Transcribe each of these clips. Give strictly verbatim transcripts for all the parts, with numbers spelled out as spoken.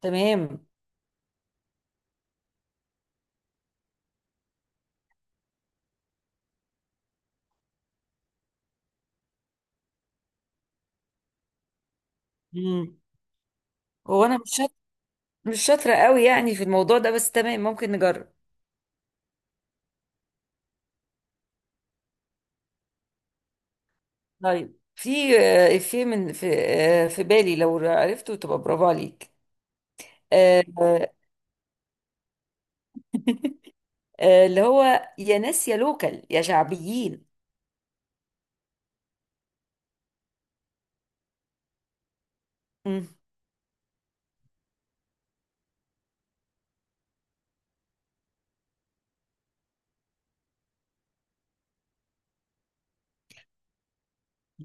تمام. امم هو انا مش شاط... مش شاطره قوي يعني في الموضوع ده، بس تمام، ممكن نجرب. طيب، في آه، في من في آه، في بالي، لو عرفته تبقى برافو عليك. آه، آه، آه، اللي هو يا ناس يا لوكال يا شعبيين. مم.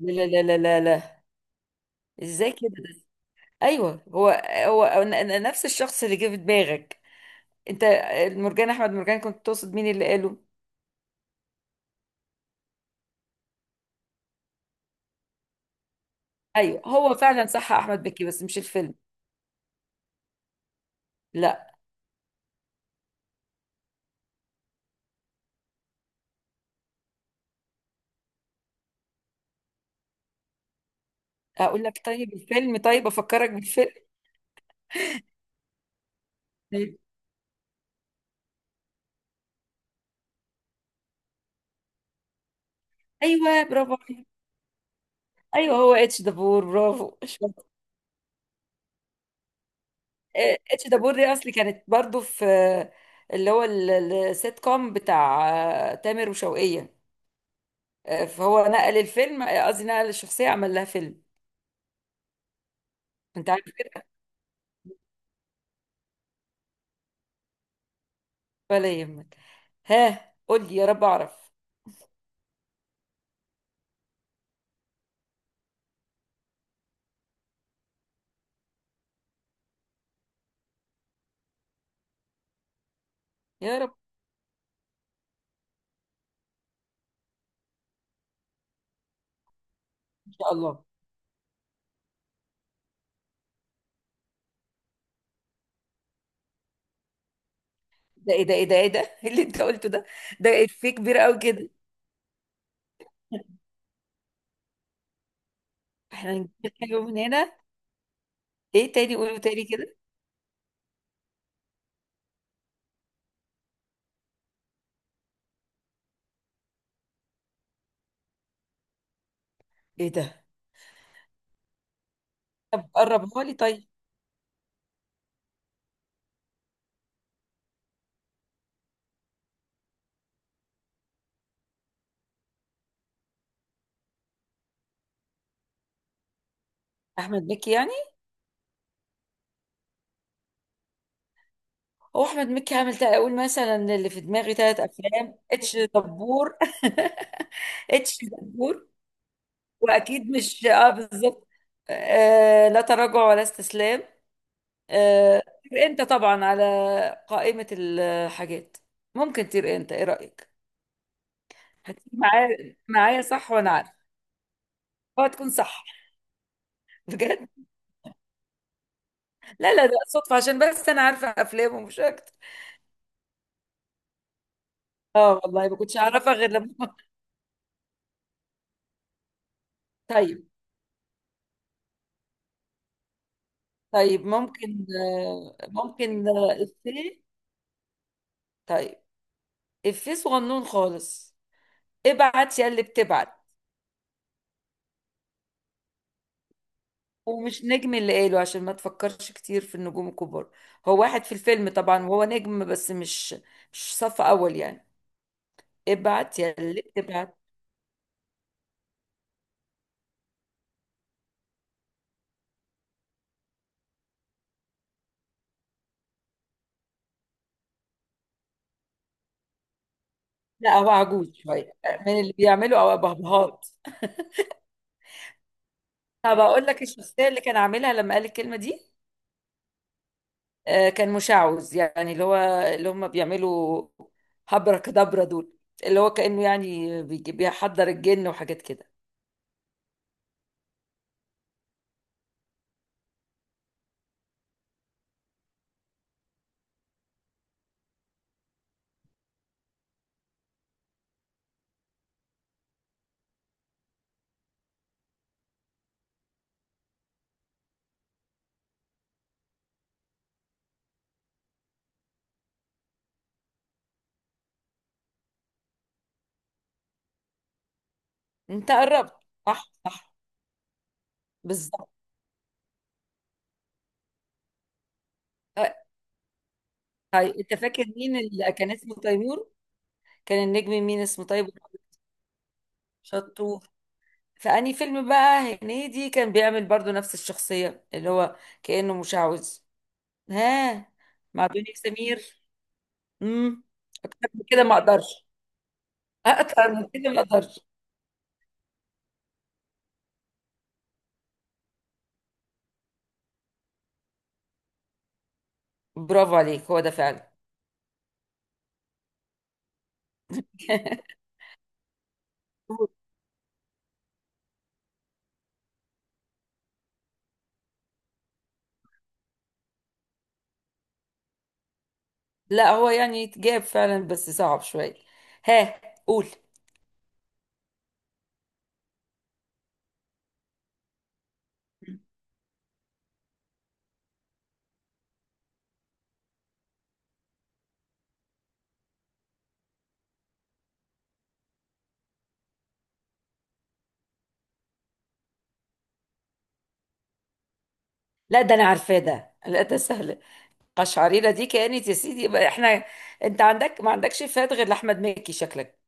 لا لا لا لا لا لا. ازاي كده؟ ايوه هو. هو أنا- أنا نفس الشخص اللي جه في دماغك. انت آه، مرجان احمد مرجان كنت تقصد، مين اللي قاله؟ ايوه هو فعلا صح، احمد مكي، بس مش الفيلم. لا. اقول لك؟ طيب الفيلم، طيب افكرك بالفيلم. طيب. ايوه برافو عليك. ايوه هو اتش دبور، برافو شاطر. آه، اتش دبور دي اصلي كانت برضو في آه، اللي هو ال- ال- السيت كوم بتاع آه، تامر وشوقية. آه، فهو نقل الفيلم، آه، قصدي نقل الشخصية، عمل لها فيلم. انت عارف كده. ولا يهمك. ها، قول لي يا رب اعرف. يا رب. ان شاء الله. ده ايه ده ايه ده ايه ده؟ إيه اللي انت قلته ده؟ ده افيه كبير قوي كده. احنا هنجيب حاجة من هنا. ايه تاني؟ قولوا تاني كده. ايه ده؟ طب قربها لي طيب. احمد مكي يعني. هو احمد مكي عامل تا- اقول مثلا اللي في دماغي ثلاث افلام، اتش دبور. اتش دبور. واكيد مش اه بالظبط. آه لا تراجع ولا استسلام. آه طير انت طبعا على قائمة الحاجات. ممكن تطير انت، ايه رأيك؟ هتيجي معايا معايا صح، وانا عارفه. اه تكون صح. بجد. لا لا، ده صدفة عشان بس انا عارفة افلامه، مش اكتر. اه والله ما كنتش اعرفها غير لما... طيب. طيب، ممكن آه، ممكن آه، افيه. طيب افيه صغنون خالص. ابعت يا اللي بتبعت. ومش نجم اللي قاله، عشان ما تفكرش كتير في النجوم الكبار. هو واحد في الفيلم طبعا، وهو نجم، بس مش مش صف اول يعني. ابعت يا اللي بتبعت. لا، هو عجوز شويه، من اللي بيعملوا او بهبهات. طب اقول لك الشخصيه اللي كان عاملها لما قال الكلمه دي. آه، كان مشعوذ، يعني اللي هو، اللي هم بيعملوا هبرك دبرة دول، اللي هو كأنه يعني بيجي- بيحضر الجن وحاجات كده. انت قربت. صح صح. بالظبط. آه، طيب، انت فاكر مين اللي كان اسمه تيمور؟ كان النجم مين اسمه طيب؟ شطور. فأني فيلم بقى هنيدي كان بيعمل برضو نفس الشخصية، اللي هو كأنه مشعوذ. ها. مع دنيا سمير. امم اكتر من كده ما اقدرش. اكتر من كده ما اقدرش. برافو عليك، هو ده فعلا. لا، هو يعني يتجاب فعلا بس صعب شوية. ها. قول. لا ده انا عارفاه ده، لا ده سهل. قشعريرة دي كانت، يا سيدي يبقى احنا. انت عندك ما عندكش، فات غير لاحمد مكي شكلك.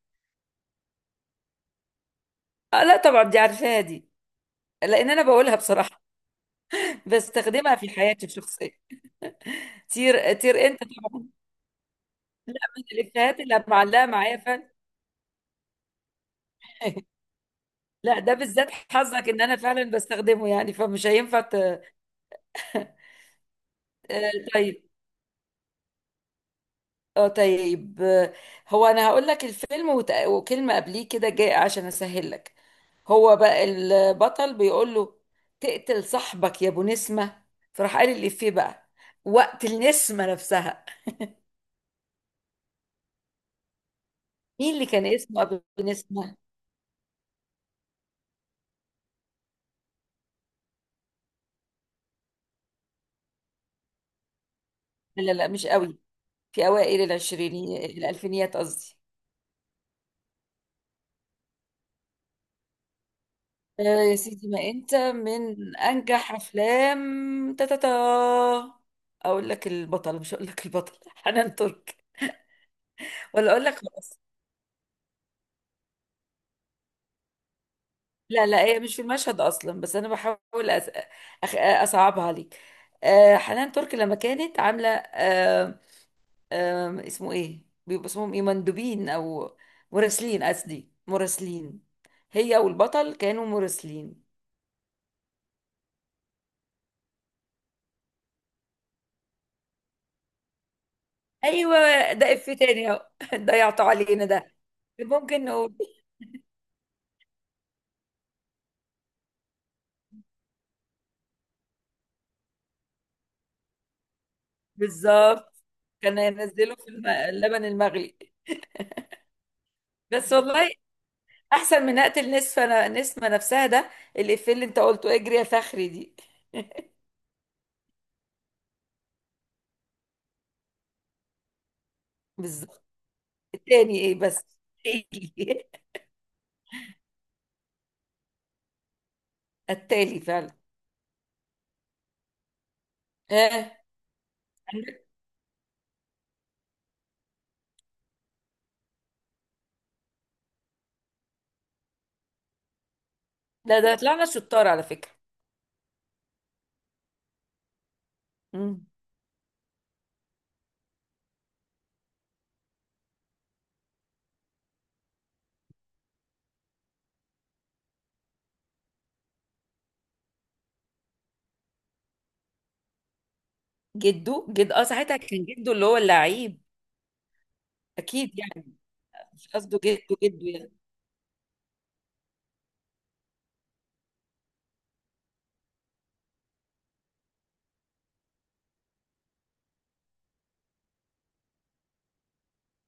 آه لا طبعا دي عارفاها دي، لان انا بقولها بصراحة، بستخدمها في حياتي الشخصية. طير طير انت طبعا. من الافيهات اللي معلقة معايا فعلا. لا ده بالذات حظك ان انا فعلا بستخدمه يعني، فمش هينفع ت... آه، طيب. اه طيب. هو انا هقول لك الفيلم وت- وكلمة قبليه كده جاي عشان اسهل لك. هو بقى البطل بيقول له، تقتل صاحبك يا ابو نسمة. فراح قال الإفيه بقى، وقت النسمة نفسها. مين اللي كان اسمه ابو نسمة؟ لا لا مش قوي، في اوائل العشرينيات، الالفينيات قصدي. آه يا سيدي ما انت من انجح افلام. تاتاتا. اقول لك البطل، مش هقول لك البطل. حنان ترك. ولا اقول لك خلاص. لا لا، هي مش في المشهد اصلا، بس انا بحاول أس... أخ... اصعبها عليك. آه حنان ترك لما كانت عامله آه آه اسمه ايه بيبقوا، اسمهم ايه، مندوبين او مراسلين، قصدي مراسلين. هي والبطل كانوا مراسلين. ايوه ده اف تاني اهو. ضيعتوا علينا ده. ممكن نقول. بالظبط. كان ينزله في الم- اللبن المغلي. بس والله احسن من اقتل نصف انا نسمه نفسها ده، الافيه اللي انت قلته اجري يا فخري دي. بالظبط. تاني ايه بس؟ التالي فعلا. ها. ده ده طلعنا شطار على فكرة. مم. جده جد اه ساعتها كان جده اللي هو اللعيب. اكيد يعني، مش قصده جده جده يعني.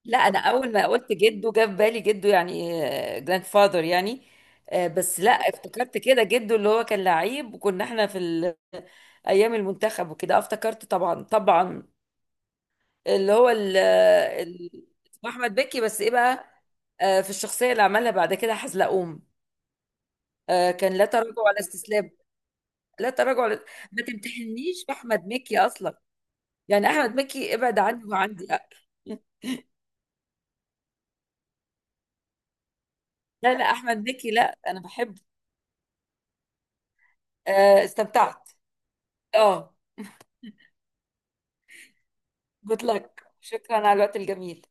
لا انا اول ما قلت جده، جه في بالي جده يعني، جراند فاذر يعني. آه، بس لا افتكرت كده، جده اللي هو كان لعيب وكنا احنا في ال- ايام المنتخب وكده، آه، افتكرت طبعا طبعا. اللي هو ال- ال- اسمه احمد بكي، بس ايه بقى؟ آه، في الشخصيه اللي عملها بعد كده حزلقوم، آه، كان لا تراجع ولا استسلام. لا تراجع ولا... ما تمتحنيش باحمد مكي اصلا، يعني احمد مكي ابعد عني وعندي لا. لا لا، احمد مكي لا، انا بحبه. آه، استمتعت. اه. جود لك، شكرا على الوقت الجميل.